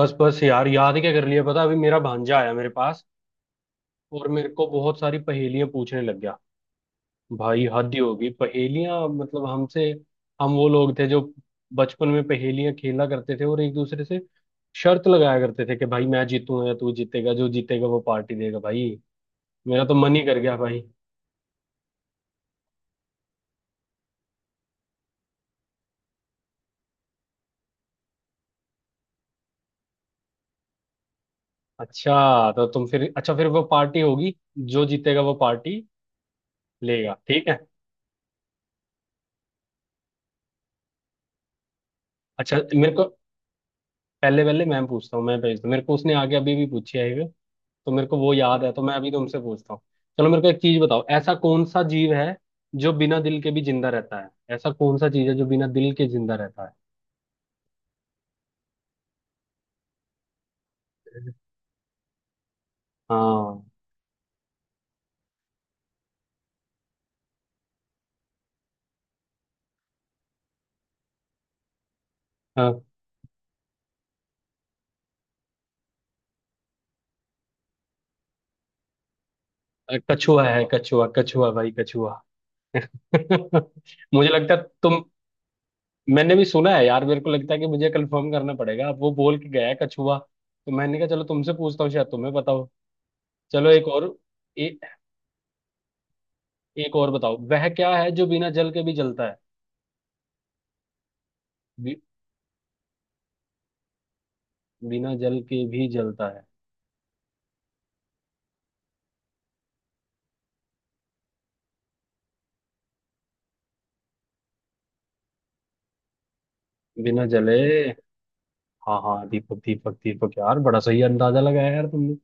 बस बस यार, याद क्या कर लिया? पता, अभी मेरा भांजा आया मेरे पास। और मेरे को बहुत सारी पहेलियां पूछने लग गया। भाई हद ही होगी, पहेलियां मतलब हमसे। हम वो लोग थे जो बचपन में पहेलियां खेला करते थे, और एक दूसरे से शर्त लगाया करते थे कि भाई मैं जीतूंगा या तू जीतेगा, जो जीतेगा वो पार्टी देगा भाई। मेरा तो मन ही कर गया भाई। अच्छा तो तुम फिर, अच्छा फिर वो पार्टी होगी, जो जीतेगा वो पार्टी लेगा। ठीक है। अच्छा मेरे को पहले, पहले मैं पूछता हूँ, मैं भेजता हूँ, मेरे को उसने आगे अभी भी पूछी है, तो मेरे को वो याद है, तो मैं अभी तुमसे पूछता हूँ। चलो मेरे को एक चीज बताओ, ऐसा कौन सा जीव है जो बिना दिल के भी जिंदा रहता है? ऐसा कौन सा चीज है जो बिना दिल के जिंदा रहता है? हाँ हाँ, कछुआ है, कछुआ कछुआ भाई कछुआ। मुझे लगता है तुम, मैंने भी सुना है यार। मेरे को लगता है कि मुझे कंफर्म करना पड़ेगा, अब वो बोल के गया है कछुआ, तो मैंने कहा चलो तुमसे पूछता हूँ, शायद तुम्हें बताओ। चलो एक और। ए, एक और बताओ, वह क्या है जो बिना जल के भी जलता है? बि, बिना जल के भी जलता है? बिना जले? हाँ हाँ, दीपक दीपक दीपक यार, बड़ा सही अंदाजा लगाया यार तुमने।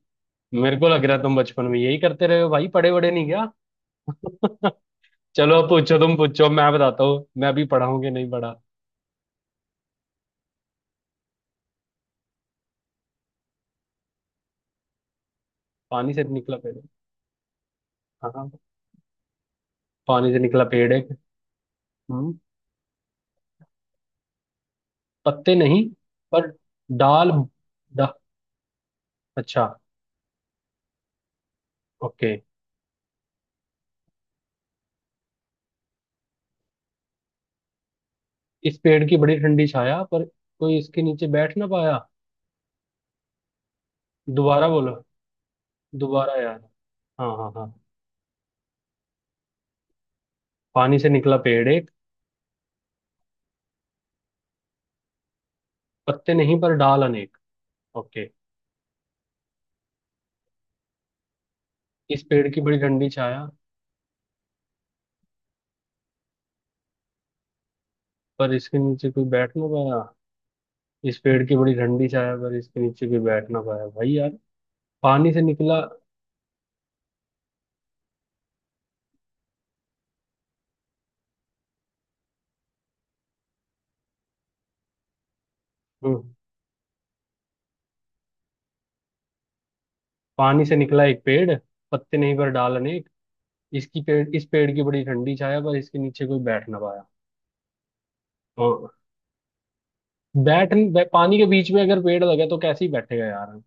मेरे को लग रहा है तुम बचपन में यही करते रहे हो भाई, पढ़े बड़े नहीं क्या? चलो अब पूछो, तुम पूछो, मैं बताता हूँ, मैं भी पढ़ा हूँ कि नहीं पढ़ा। पानी से निकला पेड़ है। हाँ हाँ, पानी से निकला पेड़ एक। हम्म पत्ते नहीं पर डाल, डा, अच्छा, ओके। इस पेड़ की बड़ी ठंडी छाया पर कोई इसके नीचे बैठ ना पाया। दोबारा बोलो, दोबारा यार। हाँ हाँ हाँ। पानी से निकला पेड़ एक, पत्ते नहीं पर डाल अनेक, ओके। इस पेड़ की बड़ी ठंडी छाया पर इसके नीचे कोई बैठ ना पाया। इस पेड़ की बड़ी ठंडी छाया पर इसके नीचे कोई बैठ ना पाया भाई यार। पानी से निकला। हम्म, पानी से निकला एक पेड़, पत्ते नहीं पर डाल अनेक। इसकी पेड़, इस पेड़ की बड़ी ठंडी छाया पर इसके नीचे कोई बैठ ना पाया। हाँ, बैठ नहीं- बै, पानी के बीच में अगर पेड़ लगे तो कैसे ही बैठेगा यार।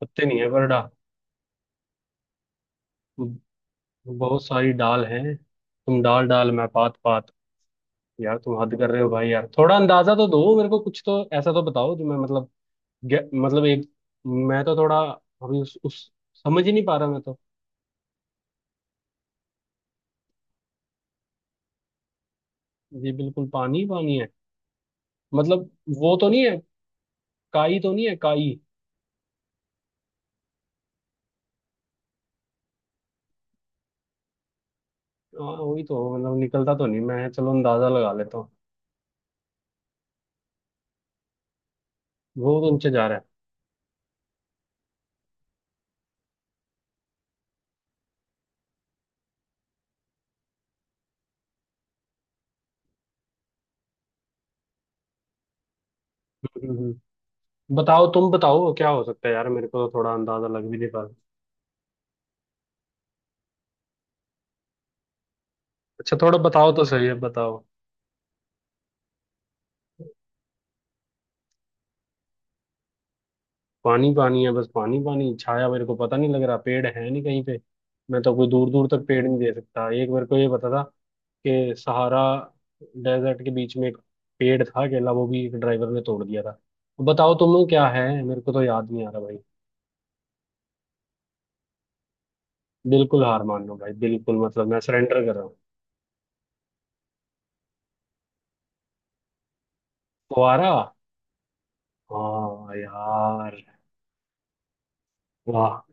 पत्ते नहीं है पर डा, बहुत सारी डाल हैं। तुम डाल डाल मैं पात पात। यार तुम हद कर रहे हो भाई, यार थोड़ा अंदाजा तो दो मेरे को, कुछ तो ऐसा तो बताओ जो मैं मतलब। मतलब एक, मैं तो थोड़ा अभी उस समझ ही नहीं पा रहा मैं तो। ये बिल्कुल पानी ही पानी है, मतलब वो तो नहीं है, काई तो नहीं है काई? हाँ वही तो, मतलब निकलता तो नहीं, मैं चलो अंदाजा लगा लेता हूँ। वो तो नीचे जा रहा है। हम्म, हम्म, हम्म। बताओ तुम बताओ क्या हो सकता है यार, मेरे को तो थोड़ा अंदाजा लग भी नहीं पा रहा। अच्छा थोड़ा बताओ तो सही है, बताओ। पानी पानी है बस, पानी पानी, छाया मेरे को पता नहीं लग रहा, पेड़ है नहीं कहीं पे। मैं तो कोई दूर दूर तक पेड़ नहीं दे सकता, एक बार को ये पता था के सहारा डेजर्ट के बीच में एक पेड़ था केला, वो भी एक ड्राइवर ने तोड़ दिया था। बताओ तुम लोग क्या है, मेरे को तो याद नहीं आ रहा भाई। बिल्कुल हार मान लो भाई, बिल्कुल मतलब मैं सरेंडर कर रहा हूँ। फुहारा? हाँ यार। वाह।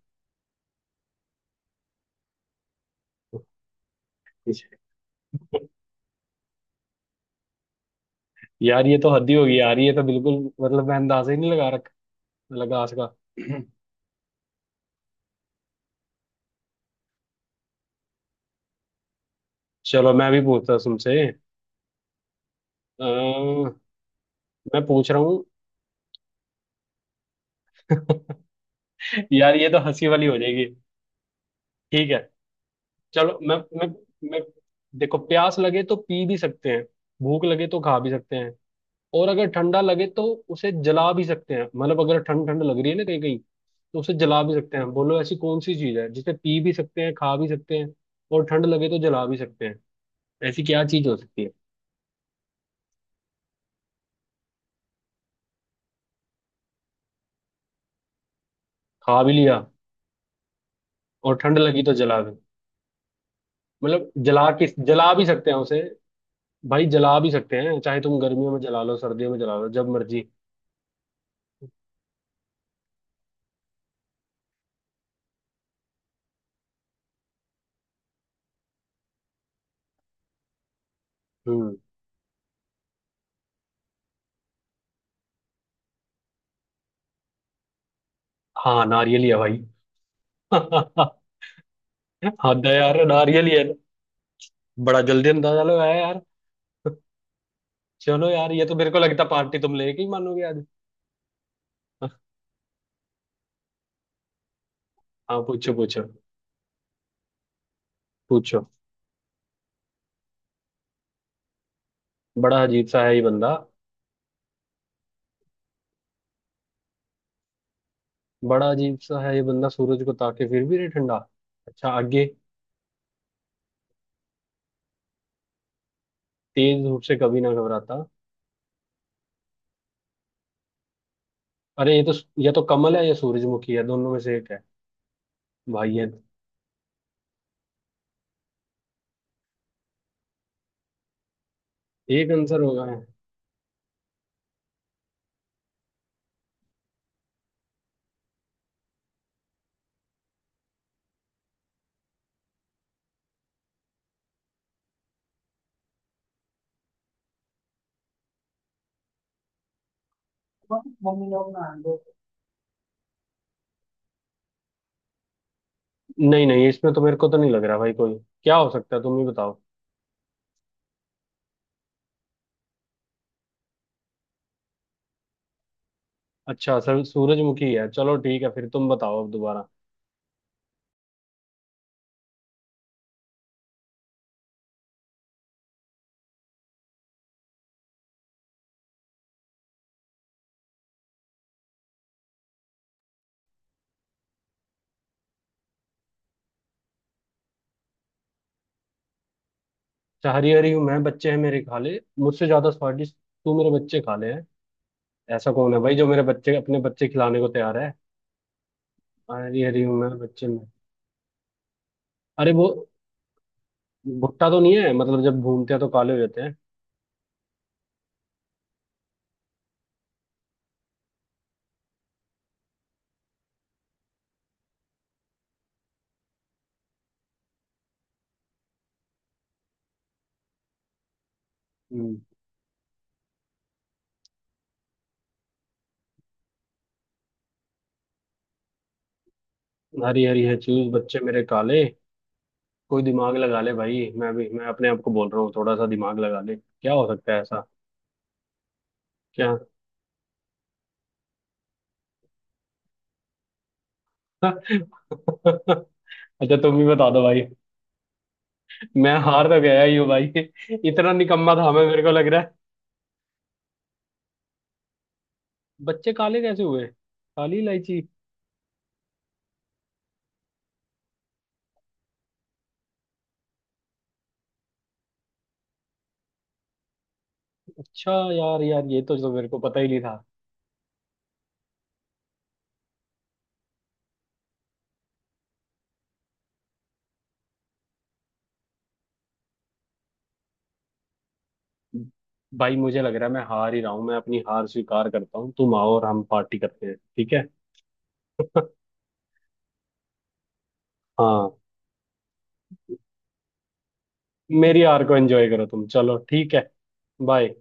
यार ये तो हद ही होगी यार, ये तो बिल्कुल मतलब मैं अंदाजा ही नहीं लगा रख, लगा इसका। चलो मैं भी पूछता हूँ तुमसे। अ, मैं पूछ रहा हूँ। यार ये तो हंसी वाली हो जाएगी। ठीक है। चलो मैं देखो, प्यास लगे तो पी भी सकते हैं, भूख लगे तो खा भी सकते हैं, और अगर ठंडा लगे तो उसे जला भी सकते हैं। मतलब अगर ठंड ठंड लग रही है ना कहीं कहीं, तो उसे जला भी सकते हैं। बोलो ऐसी कौन सी चीज है जिसे पी भी सकते हैं, खा भी सकते हैं, और ठंड लगे तो जला भी सकते हैं? ऐसी क्या चीज हो सकती है? खा भी लिया, और ठंड लगी तो जला भी, मतलब जला किस, जला भी सकते हैं उसे। भाई जला भी सकते हैं, चाहे तुम गर्मियों में जला लो, सर्दियों में जला लो, जब मर्जी। हम्म। हाँ नारियल ही है। भाई हद है यार, नारियल ही है। बड़ा जल्दी अंदाजा लगाया यार। चलो यार, ये तो मेरे को लगता पार्टी तुम लेके ही मानोगे आज। हाँ, पूछो पूछो पूछो। बड़ा अजीब सा है ये बंदा। बड़ा अजीब सा है ये बंदा सूरज को ताके फिर भी रहे ठंडा। अच्छा आगे। तेज धूप से कभी ना घबराता। अरे ये तो, या तो कमल है या सूरजमुखी है, दोनों में से एक है। भाई है, एक आंसर होगा है। नहीं नहीं, इसमें तो मेरे को तो नहीं लग रहा भाई कोई, क्या हो सकता है तुम ही बताओ। अच्छा सर सूरजमुखी है, चलो ठीक है फिर, तुम बताओ अब दोबारा। अच्छा हरी हरी हूँ मैं, बच्चे हैं मेरे, खा ले, मुझसे ज्यादा स्वादिष्ट तू मेरे बच्चे खा ले। ऐसा कौन है भाई जो मेरे बच्चे अपने बच्चे खिलाने को तैयार है? हरी हरी हूँ मैं बच्चे में। अरे वो भुट्टा तो नहीं है, मतलब जब भूनते हैं तो काले हो जाते हैं। हम्म, हरी हरी है चूज, बच्चे मेरे काले। कोई दिमाग लगा ले भाई, मैं भी मैं अपने आप को बोल रहा हूँ, थोड़ा सा दिमाग लगा ले, क्या हो सकता है ऐसा? क्या? अच्छा तुम भी बता दो भाई। मैं हार तो गया ही हूँ भाई, इतना निकम्मा था मैं, मेरे को लग रहा है। बच्चे काले कैसे हुए? काली इलायची? अच्छा यार यार, ये तो जो मेरे को पता ही नहीं था। भाई मुझे लग रहा है मैं हार ही रहा हूँ, मैं अपनी हार स्वीकार करता हूँ, तुम आओ और हम पार्टी करते हैं, ठीक है? हाँ, मेरी हार को एंजॉय करो तुम, चलो ठीक है। बाय।